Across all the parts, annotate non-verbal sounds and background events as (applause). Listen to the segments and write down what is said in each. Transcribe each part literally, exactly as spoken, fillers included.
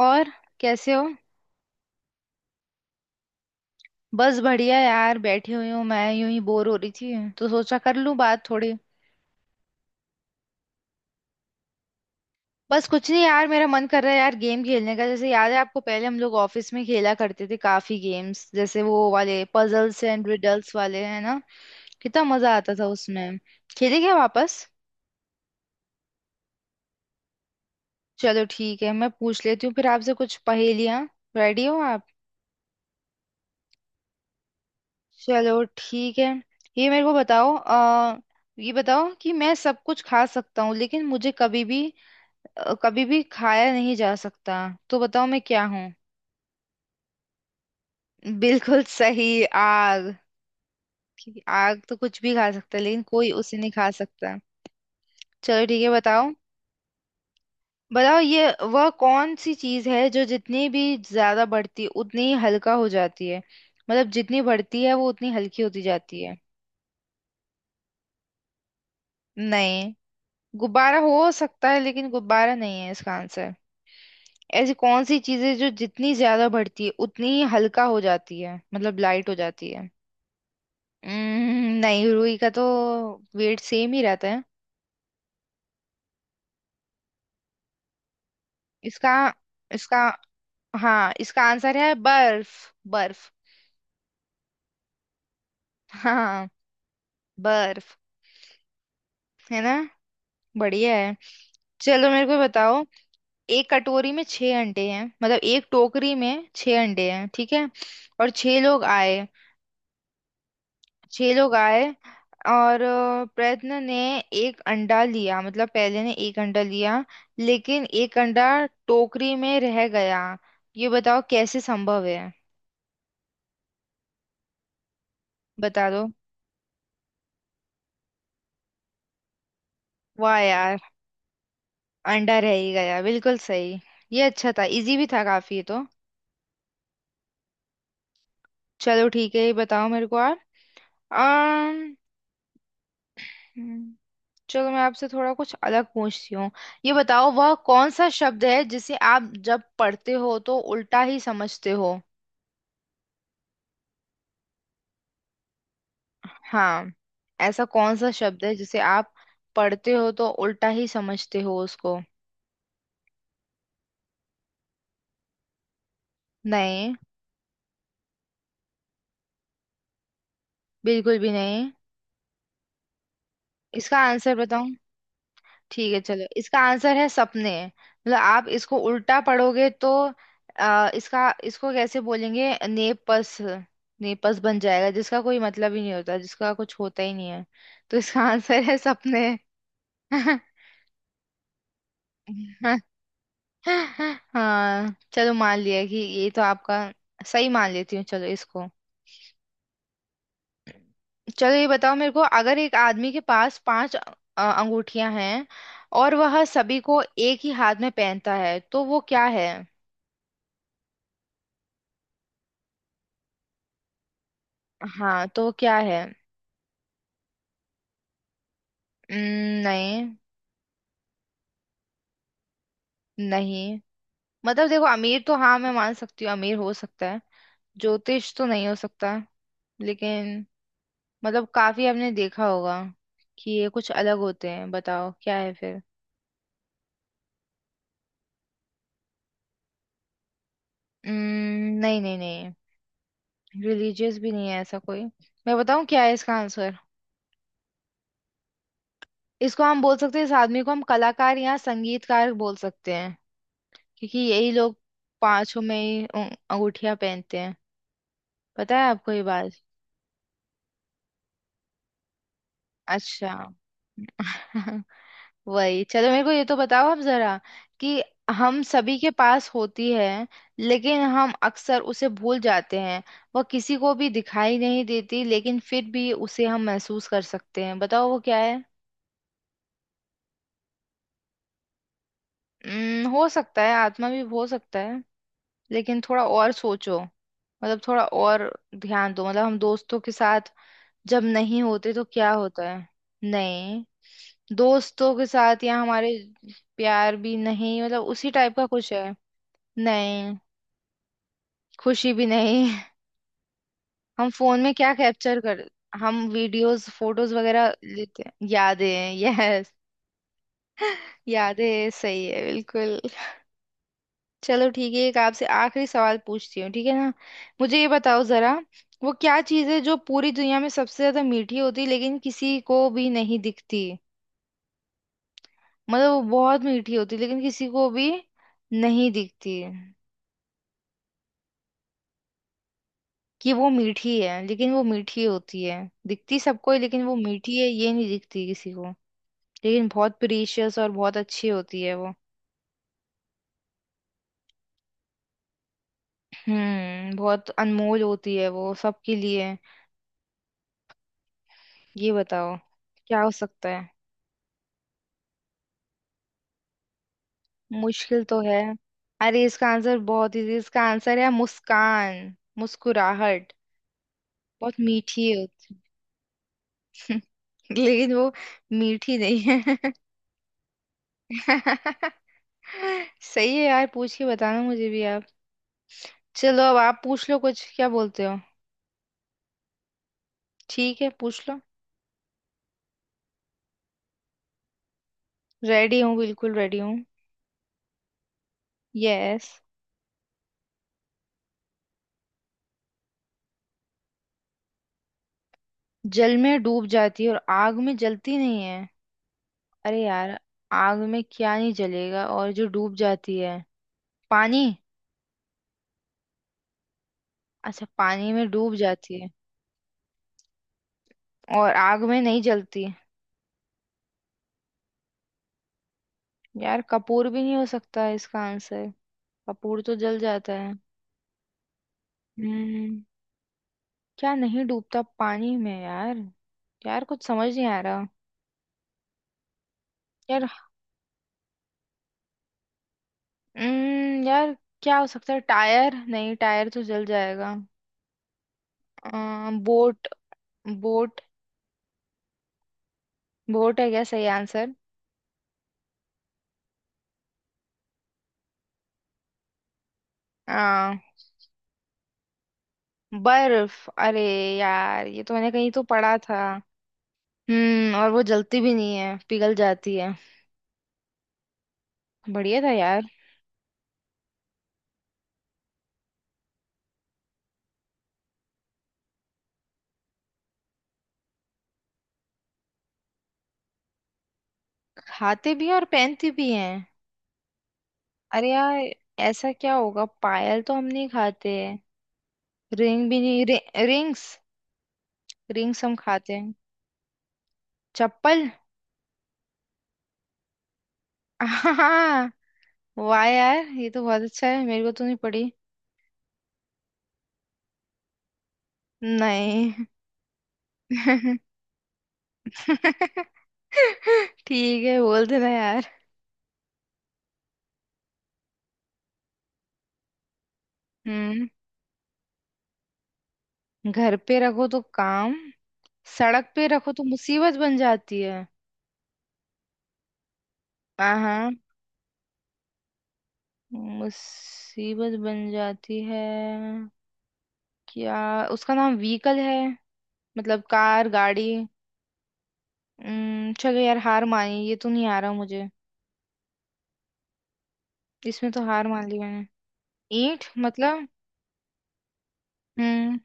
और कैसे हो। बस बढ़िया यार बैठी हुई हूँ मैं यूं ही बोर हो रही थी तो सोचा कर लूँ बात थोड़ी। बस कुछ नहीं यार मेरा मन कर रहा है यार गेम खेलने का, जैसे याद है आपको पहले हम लोग ऑफिस में खेला करते थे काफी गेम्स, जैसे वो वाले पजल्स एंड रिडल्स वाले, है ना। कितना मजा आता था उसमें। खेले क्या वापस? चलो ठीक है, मैं पूछ लेती हूँ फिर आपसे कुछ पहेलियाँ। रेडी हो आप? चलो ठीक है। ये मेरे को बताओ आ, ये बताओ कि मैं सब कुछ खा सकता हूँ लेकिन मुझे कभी भी अ, कभी भी खाया नहीं जा सकता। तो बताओ मैं क्या हूँ? बिल्कुल सही। आग। कि आग तो कुछ भी खा सकता है लेकिन कोई उसे नहीं खा सकता। चलो ठीक है, बताओ। बताओ ये। वह कौन सी चीज है जो जितनी भी ज्यादा बढ़ती है उतनी ही हल्का हो जाती है। मतलब जितनी बढ़ती है वो उतनी हल्की होती जाती है। नहीं। गुब्बारा हो सकता है लेकिन गुब्बारा नहीं है इसका आंसर। ऐसी कौन सी चीजें जो जितनी ज्यादा बढ़ती है उतनी ही हल्का हो जाती है, मतलब लाइट हो जाती है। हम्म, नहीं, रुई का तो वेट सेम ही रहता है। इसका इसका हाँ, इसका आंसर है बर्फ। बर्फ। हाँ। बर्फ। है ना। बढ़िया है। चलो मेरे को बताओ। एक कटोरी में छह अंडे हैं, मतलब एक टोकरी में छह अंडे हैं, ठीक है। और छह लोग आए। छह लोग आए। और अ, प्रयत्न ने एक अंडा लिया, मतलब पहले ने एक अंडा लिया। लेकिन एक अंडा टोकरी में रह गया। ये बताओ कैसे संभव है? बता दो। वाह यार। अंडा रह ही गया, बिल्कुल सही। ये अच्छा था, इजी भी था काफी ये तो। चलो ठीक है, ये बताओ मेरे को यार। अम्म, हम्म, चलो मैं आपसे थोड़ा कुछ अलग पूछती हूँ। ये बताओ वह कौन सा शब्द है जिसे आप जब पढ़ते हो तो उल्टा ही समझते हो? हाँ। ऐसा कौन सा शब्द है जिसे आप पढ़ते हो तो उल्टा ही समझते हो उसको? नहीं। बिल्कुल भी नहीं। इसका आंसर बताओ। ठीक है चलो, इसका आंसर है सपने। मतलब आप इसको उल्टा पढ़ोगे तो आ, इसका इसको कैसे बोलेंगे, नेपस। नेपस बन जाएगा, जिसका कोई मतलब ही नहीं होता, जिसका कुछ होता ही नहीं है। तो इसका आंसर है सपने। (laughs) हाँ चलो, मान लिया कि ये तो आपका, सही मान लेती हूँ चलो इसको। चलो ये बताओ मेरे को, अगर एक आदमी के पास पांच अ- अंगूठियां हैं और वह सभी को एक ही हाथ में पहनता है, तो वो क्या है? हाँ तो क्या है? उम्म, नहीं, नहीं। मतलब देखो, अमीर तो हाँ मैं मान सकती हूँ, अमीर हो सकता है। ज्योतिष तो नहीं हो सकता। लेकिन मतलब काफी आपने देखा होगा कि ये कुछ अलग होते हैं, बताओ क्या है फिर। उम्म, नहीं, नहीं, नहीं। रिलीजियस भी नहीं है ऐसा कोई। मैं बताऊँ क्या है इसका आंसर? इसको हम बोल सकते हैं, इस आदमी को हम कलाकार या संगीतकार बोल सकते हैं, क्योंकि यही लोग पांचों में ही अंगूठिया पहनते हैं। पता है आपको ये बात? अच्छा। (laughs) वही, चलो मेरे को ये तो बताओ आप जरा, कि हम सभी के पास होती है लेकिन हम अक्सर उसे भूल जाते हैं। वह किसी को भी दिखाई नहीं देती लेकिन फिर भी उसे हम महसूस कर सकते हैं, बताओ वो क्या है? उम्म, हो सकता है, आत्मा भी हो सकता है। लेकिन थोड़ा और सोचो, मतलब थोड़ा और ध्यान दो। मतलब हम दोस्तों के साथ जब नहीं होते तो क्या होता है? नहीं। दोस्तों के साथ या हमारे। प्यार भी नहीं, मतलब उसी टाइप का कुछ है। नहीं। खुशी भी नहीं। हम फोन में क्या कैप्चर कर, हम वीडियोस फोटोज वगैरह लेते हैं, यादें। यस। यादें, सही है बिल्कुल। चलो ठीक है, एक आपसे आखिरी सवाल पूछती हूँ, ठीक है ना? मुझे ये बताओ जरा। वो क्या चीज़ है जो पूरी दुनिया में सबसे ज्यादा मीठी होती है लेकिन किसी को भी नहीं दिखती? मतलब वो बहुत मीठी होती है लेकिन किसी को भी नहीं दिखती। कि वो मीठी है, लेकिन वो मीठी होती है, दिखती सबको है लेकिन वो मीठी है ये नहीं दिखती किसी को। लेकिन बहुत प्रीशियस और बहुत अच्छी होती है वो। हम्म बहुत अनमोल होती है वो सबके लिए। ये बताओ क्या हो सकता है? मुश्किल तो है। अरे इसका आंसर बहुत इजी, इसका आंसर है मुस्कान, मुस्कुराहट। बहुत मीठी होती (laughs) लेकिन वो मीठी नहीं है। (laughs) सही है यार, पूछ के बताना मुझे भी आप। चलो अब आप पूछ लो कुछ, क्या बोलते हो? ठीक है पूछ लो। रेडी हूँ, बिल्कुल रेडी हूँ। यस। जल में डूब जाती है और आग में जलती नहीं है। अरे यार। आग में क्या नहीं जलेगा और जो डूब जाती है, पानी। अच्छा, पानी में डूब जाती है और आग में नहीं जलती। यार कपूर भी नहीं हो सकता है इसका आंसर? कपूर तो जल जाता है। हम्म। क्या नहीं डूबता पानी में यार? यार कुछ समझ नहीं आ रहा यार। हम्म यार क्या हो सकता है? टायर, नहीं टायर तो जल जाएगा। अ, बोट। बोट। बोट है क्या सही? आंसर बर्फ। अरे यार ये तो मैंने कहीं तो पढ़ा था। हम्म और वो जलती भी नहीं है, पिघल जाती है। बढ़िया था यार। खाते भी हैं और पहनते भी हैं। अरे यार। ऐसा क्या होगा, पायल तो हम नहीं खाते। रिंग भी नहीं, रि, रिंग्स। रिंग्स हम खाते हैं। चप्पल। (laughs) हाँ। वाह यार ये तो बहुत अच्छा है, मेरे को तो नहीं पड़ी। नहीं। (laughs) ठीक है, बोल देना यार। हम्म। घर पे रखो तो काम, सड़क पे रखो तो मुसीबत बन जाती है। हाँ हाँ। मुसीबत बन जाती है, क्या? उसका नाम व्हीकल है, मतलब कार, गाड़ी। उम्म, चलो यार हार मानी, ये तो नहीं आ रहा मुझे। इसमें तो हार मान ली मैंने। ईंट मतलब। हम्म।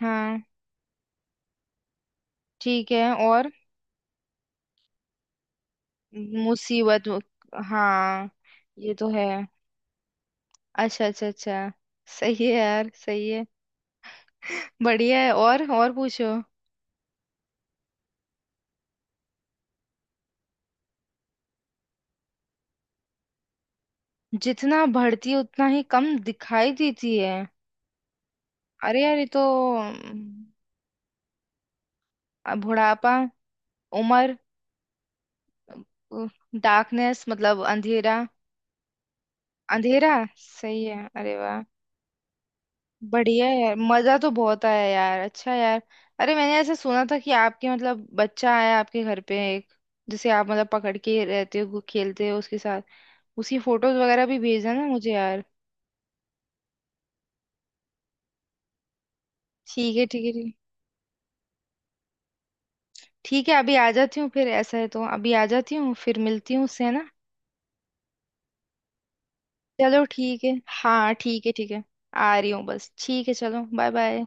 हाँ। ठीक है। और मुसीबत। हाँ। ये तो है। अच्छा अच्छा अच्छा। सही है यार, सही है। बढ़िया है। और और पूछो। जितना बढ़ती है उतना ही कम दिखाई देती है। अरे यार ये तो अम, अ, बुढ़ापा, उम्र। डार्कनेस, मतलब अंधेरा। अंधेरा, सही है, अरे वाह। बढ़िया है यार, मजा तो बहुत आया यार। अच्छा यार, अरे मैंने ऐसा सुना था कि आपके मतलब बच्चा आया आपके घर पे एक, जिसे आप मतलब पकड़ के रहते हो, खेलते हो उसके साथ, उसकी फोटोज वगैरह भी भेजना ना मुझे यार। ठीक है, ठीक है, ठीक है। ठीक है, अभी आ जाती हूँ फिर, ऐसा है तो अभी आ जाती हूँ फिर, मिलती हूँ उससे, है ना? चलो ठीक है। हाँ ठीक है, ठीक है। आ रही हूँ बस, ठीक है, चलो, बाय बाय।